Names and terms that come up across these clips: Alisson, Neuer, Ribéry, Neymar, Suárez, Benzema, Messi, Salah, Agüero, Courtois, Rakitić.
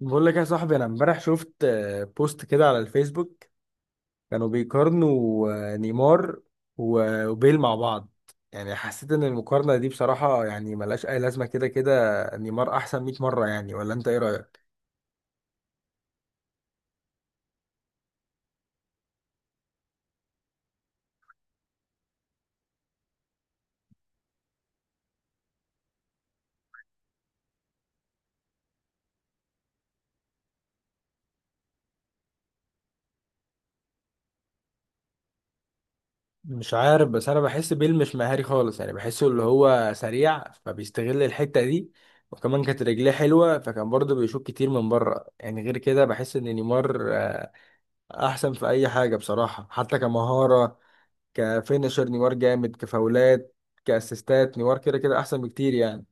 بقول لك يا صاحبي، انا امبارح شفت بوست كده على الفيسبوك. كانوا بيقارنوا نيمار وبيل مع بعض. يعني حسيت ان المقارنة دي بصراحة يعني ملهاش اي لازمة. كده كده نيمار احسن 100 مرة يعني، ولا انت ايه رأيك؟ مش عارف، بس انا بحس بيل مش مهاري خالص. يعني بحسه اللي هو سريع فبيستغل الحتة دي، وكمان كانت رجليه حلوة فكان برضه بيشوط كتير من بره. يعني غير كده بحس ان نيمار احسن في اي حاجة بصراحة، حتى كمهارة. كفينشر نيمار جامد، كفاولات كاسيستات نيمار كده كده احسن بكتير يعني.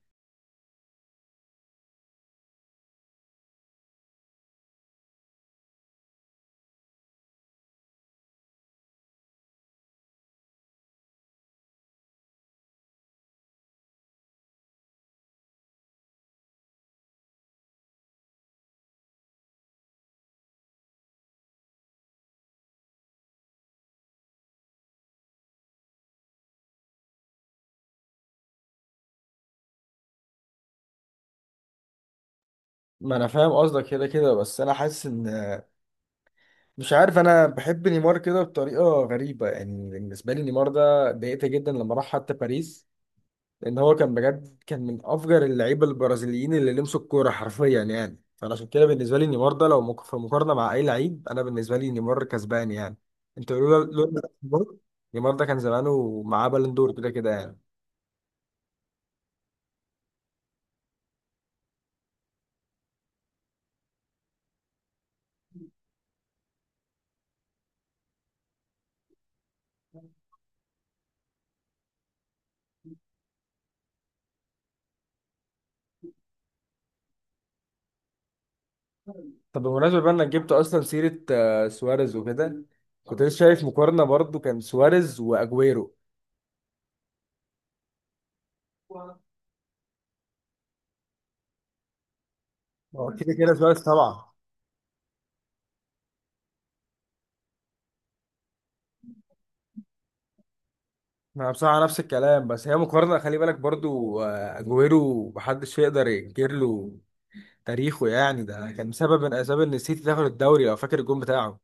ما انا فاهم قصدك كده كده، بس انا حاسس ان، مش عارف، انا بحب نيمار كده بطريقه غريبه. يعني بالنسبه لي نيمار ده ضايقت جدا لما راح حتى باريس، لان هو كان بجد كان من افجر اللعيبه البرازيليين اللي لمسوا الكوره حرفيا. يعني فانا عشان كده بالنسبه لي نيمار ده لو في مقارنه مع اي لعيب، انا بالنسبه لي نيمار كسبان يعني. انت لولا نيمار، نيمار ده كان زمانه معاه بالون دور كده كده يعني. طب بمناسبة بقى انك جبت اصلا سيرة سواريز وكده، كنت لسه شايف مقارنة برضو كان سواريز واجويرو. ما هو كده كده سواريز طبعا. انا بصراحة نفس الكلام، بس هي مقارنة خلي بالك برضو اجويرو محدش يقدر ينكر له تاريخه. يعني ده كان سبب من اسباب ان السيتي تاخد الدوري لو فاكر الجون بتاعه.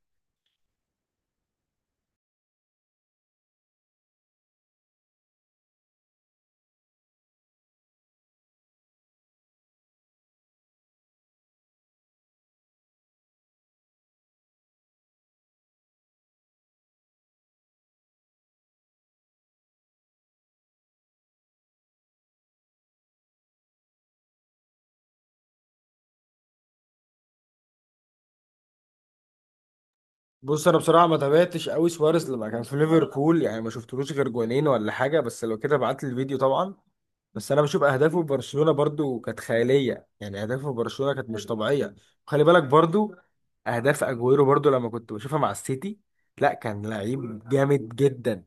بص، انا بصراحة ما تابعتش قوي سواريز لما كان في ليفربول، يعني ما شفتلوش غير جونين ولا حاجة، بس لو كده ابعت لي الفيديو طبعا. بس انا بشوف اهدافه في برشلونه برضو كانت خياليه، يعني اهدافه في برشلونه كانت مش طبيعيه. خلي بالك برضو اهداف اجويرو برضو لما كنت بشوفها مع السيتي، لا كان لعيب جامد جدا.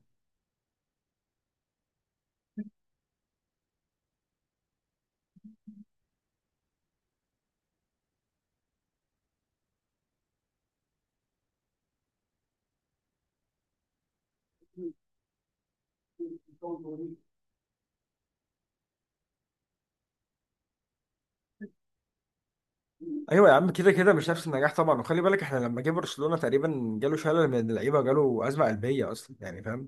ايوه يا عم كده كده مش نفس النجاح طبعا، وخلي بالك احنا لما جه برشلونه تقريبا جاله شلل من اللعيبه وجاله ازمه قلبيه اصلا، يعني فاهم؟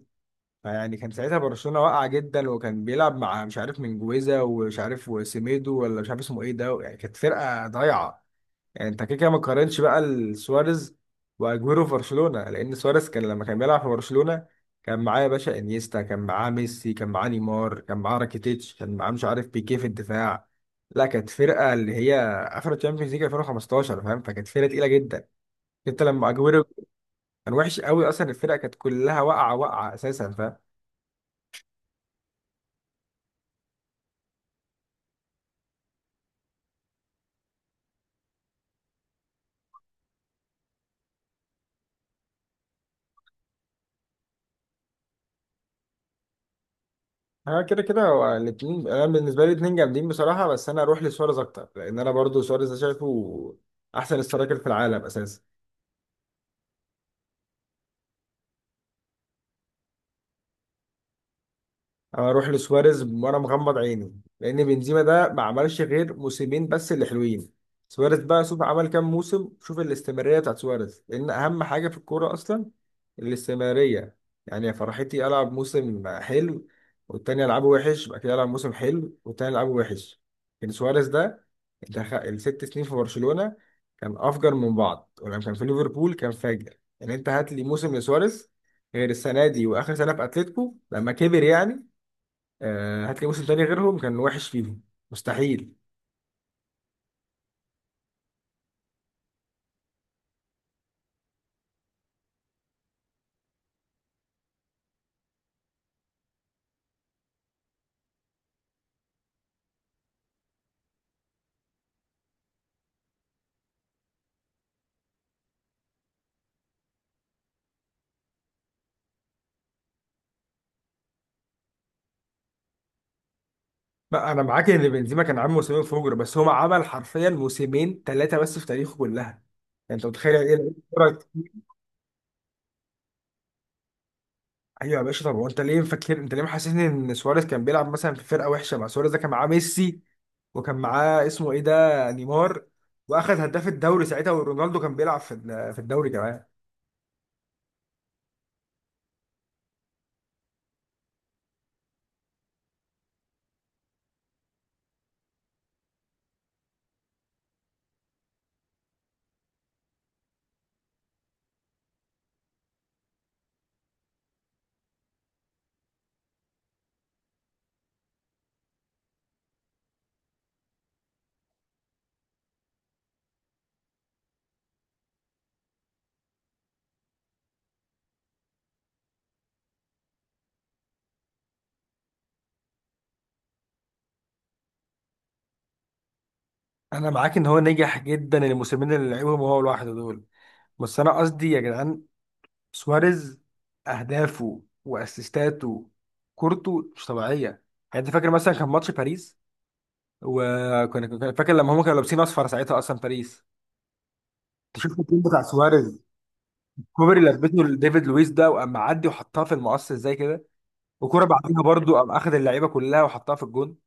فيعني كان ساعتها برشلونه واقعه جدا، وكان بيلعب مع مش عارف من جويزا ومش عارف وسيميدو ولا مش عارف اسمه ايه ده، يعني كانت فرقه ضايعه. يعني انت كده كده ما تقارنش بقى سواريز واجويرو في برشلونه، لان سواريز كان لما كان بيلعب في برشلونه كان معاه يا باشا انيستا، كان معاه ميسي، كان معاه نيمار، كان معاه راكيتيتش، كان معاه مش عارف بيكيه في الدفاع. لا كانت فرقه اللي هي اخر تشامبيونز ليج 2015 فاهم؟ فكانت فرقه تقيله جدا. انت لما اجويرو كان وحش قوي اصلا، الفرقه كانت كلها واقعه اساسا فاهم؟ انا كده كده هو الاتنين، انا بالنسبه لي الاتنين جامدين بصراحه، بس انا اروح لسواريز اكتر لان انا برضو سواريز ده شايفه احسن سترايكر في العالم اساسا. اروح لسواريز وانا مغمض عيني، لان بنزيما ده ما عملش غير موسمين بس اللي حلوين. سواريز بقى شوف عمل كام موسم، شوف الاستمراريه بتاعت سواريز، لان اهم حاجه في الكوره اصلا الاستمراريه. يعني يا فرحتي العب موسم حلو والتاني العبه وحش، بعد كده العب موسم حلو والتاني العبه وحش. لكن سواريز ده دخل الست سنين في برشلونه كان افجر من بعض، ولما كان في ليفربول كان فاجر. يعني انت هات لي موسم لسواريز غير السنه دي واخر سنه في اتلتيكو لما كبر يعني. هات لي موسم تاني غيرهم كان وحش فيهم، مستحيل. لا انا معاك ان بنزيما كان عامل موسمين فجر، بس هو عمل حرفيا موسمين ثلاثه بس في تاريخه كلها يعني. انت متخيل يعني ايه لعيب كورة كتير؟ ايوه يا باشا. طب هو انت ليه مفكر، انت ليه محسسني ان سواريز كان بيلعب مثلا في فرقه وحشه؟ مع سواريز ده كان معاه ميسي، وكان معاه اسمه ايه ده، نيمار، واخد هداف الدوري ساعتها، ورونالدو كان بيلعب في في الدوري كمان. انا معاك ان هو نجح جدا الموسمين اللي لعبهم هو لوحده دول، بس انا قصدي يا جدعان سواريز اهدافه واسيستاته كورته مش طبيعيه. يعني انت فاكر مثلا كان ماتش باريس، وكان فاكر لما هم كانوا لابسين اصفر ساعتها اصلا باريس؟ انت شفت الجول بتاع سواريز؟ الكوبري اللي لبسته لديفيد لويس ده وقام معدي وحطها في المقص ازاي كده، وكرة بعديها برضو قام اخد اللعيبه كلها وحطها في الجون.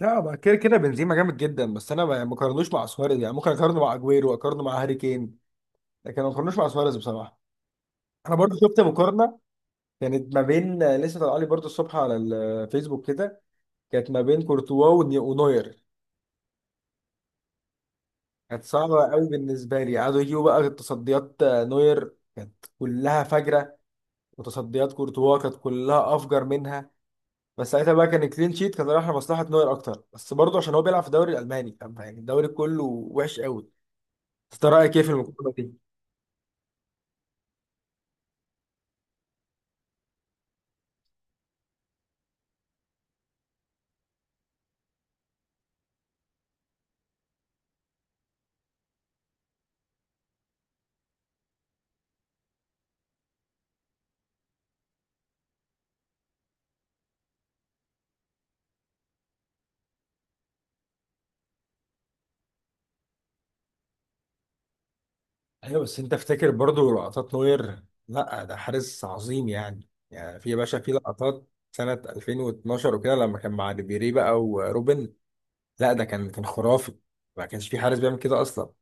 لا ما كده كده بنزيما جامد جدا، بس انا ما اقارنوش مع سواريز. يعني ممكن اقارنه مع اجويرو، اقارنه مع هاري كين، لكن ما اقارنوش مع سواريز بصراحه. انا برضو شفت مقارنه كانت ما بين، لسه طالعه لي برضه الصبح على الفيسبوك كده، كانت ما بين كورتوا ونوير. كانت صعبة قوي بالنسبة لي، قعدوا يجيبوا بقى تصديات نوير كانت كلها فجرة، وتصديات كورتوا كانت كلها أفجر منها. بس ساعتها بقى كان كلين شيت، كان رايح لمصلحة نوير أكتر، بس برضه عشان هو بيلعب في الدوري الألماني فاهم؟ يعني الدوري كله وحش قوي. بس أنت رأيك إيه في المقارنة دي؟ ايوه بس انت افتكر برضو لقطات نوير، لا ده حارس عظيم يعني. يعني في يا باشا في لقطات سنة 2012 وكده لما كان مع ريبيري بقى وروبن، لا ده كان كان خرافي، ما كانش في حارس بيعمل كده اصلا.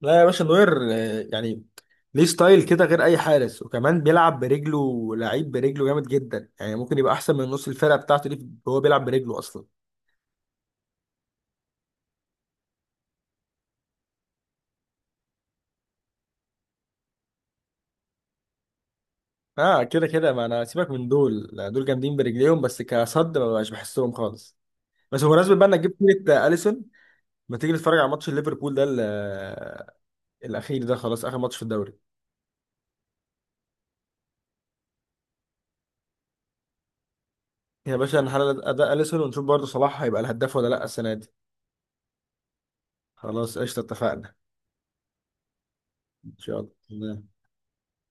لا يا باشا نوير يعني ليه ستايل كده غير اي حارس، وكمان بيلعب برجله لعيب برجله جامد جدا، يعني ممكن يبقى احسن من نص الفرقة بتاعته دي وهو بيلعب برجله اصلا. اه كده كده ما انا سيبك من دول، لا، دول جامدين برجليهم بس كصد ما بقاش بحسهم خالص. بس بمناسبة بقى انك جبت سيرة اليسون، ما تيجي نتفرج على ماتش ليفربول ده الاخير ده؟ خلاص اخر ماتش في الدوري. يا باشا نحلل اداء اليسون، ونشوف برضه صلاح هيبقى الهداف ولا لا السنه دي. خلاص قشطه اتفقنا، ان شاء الله.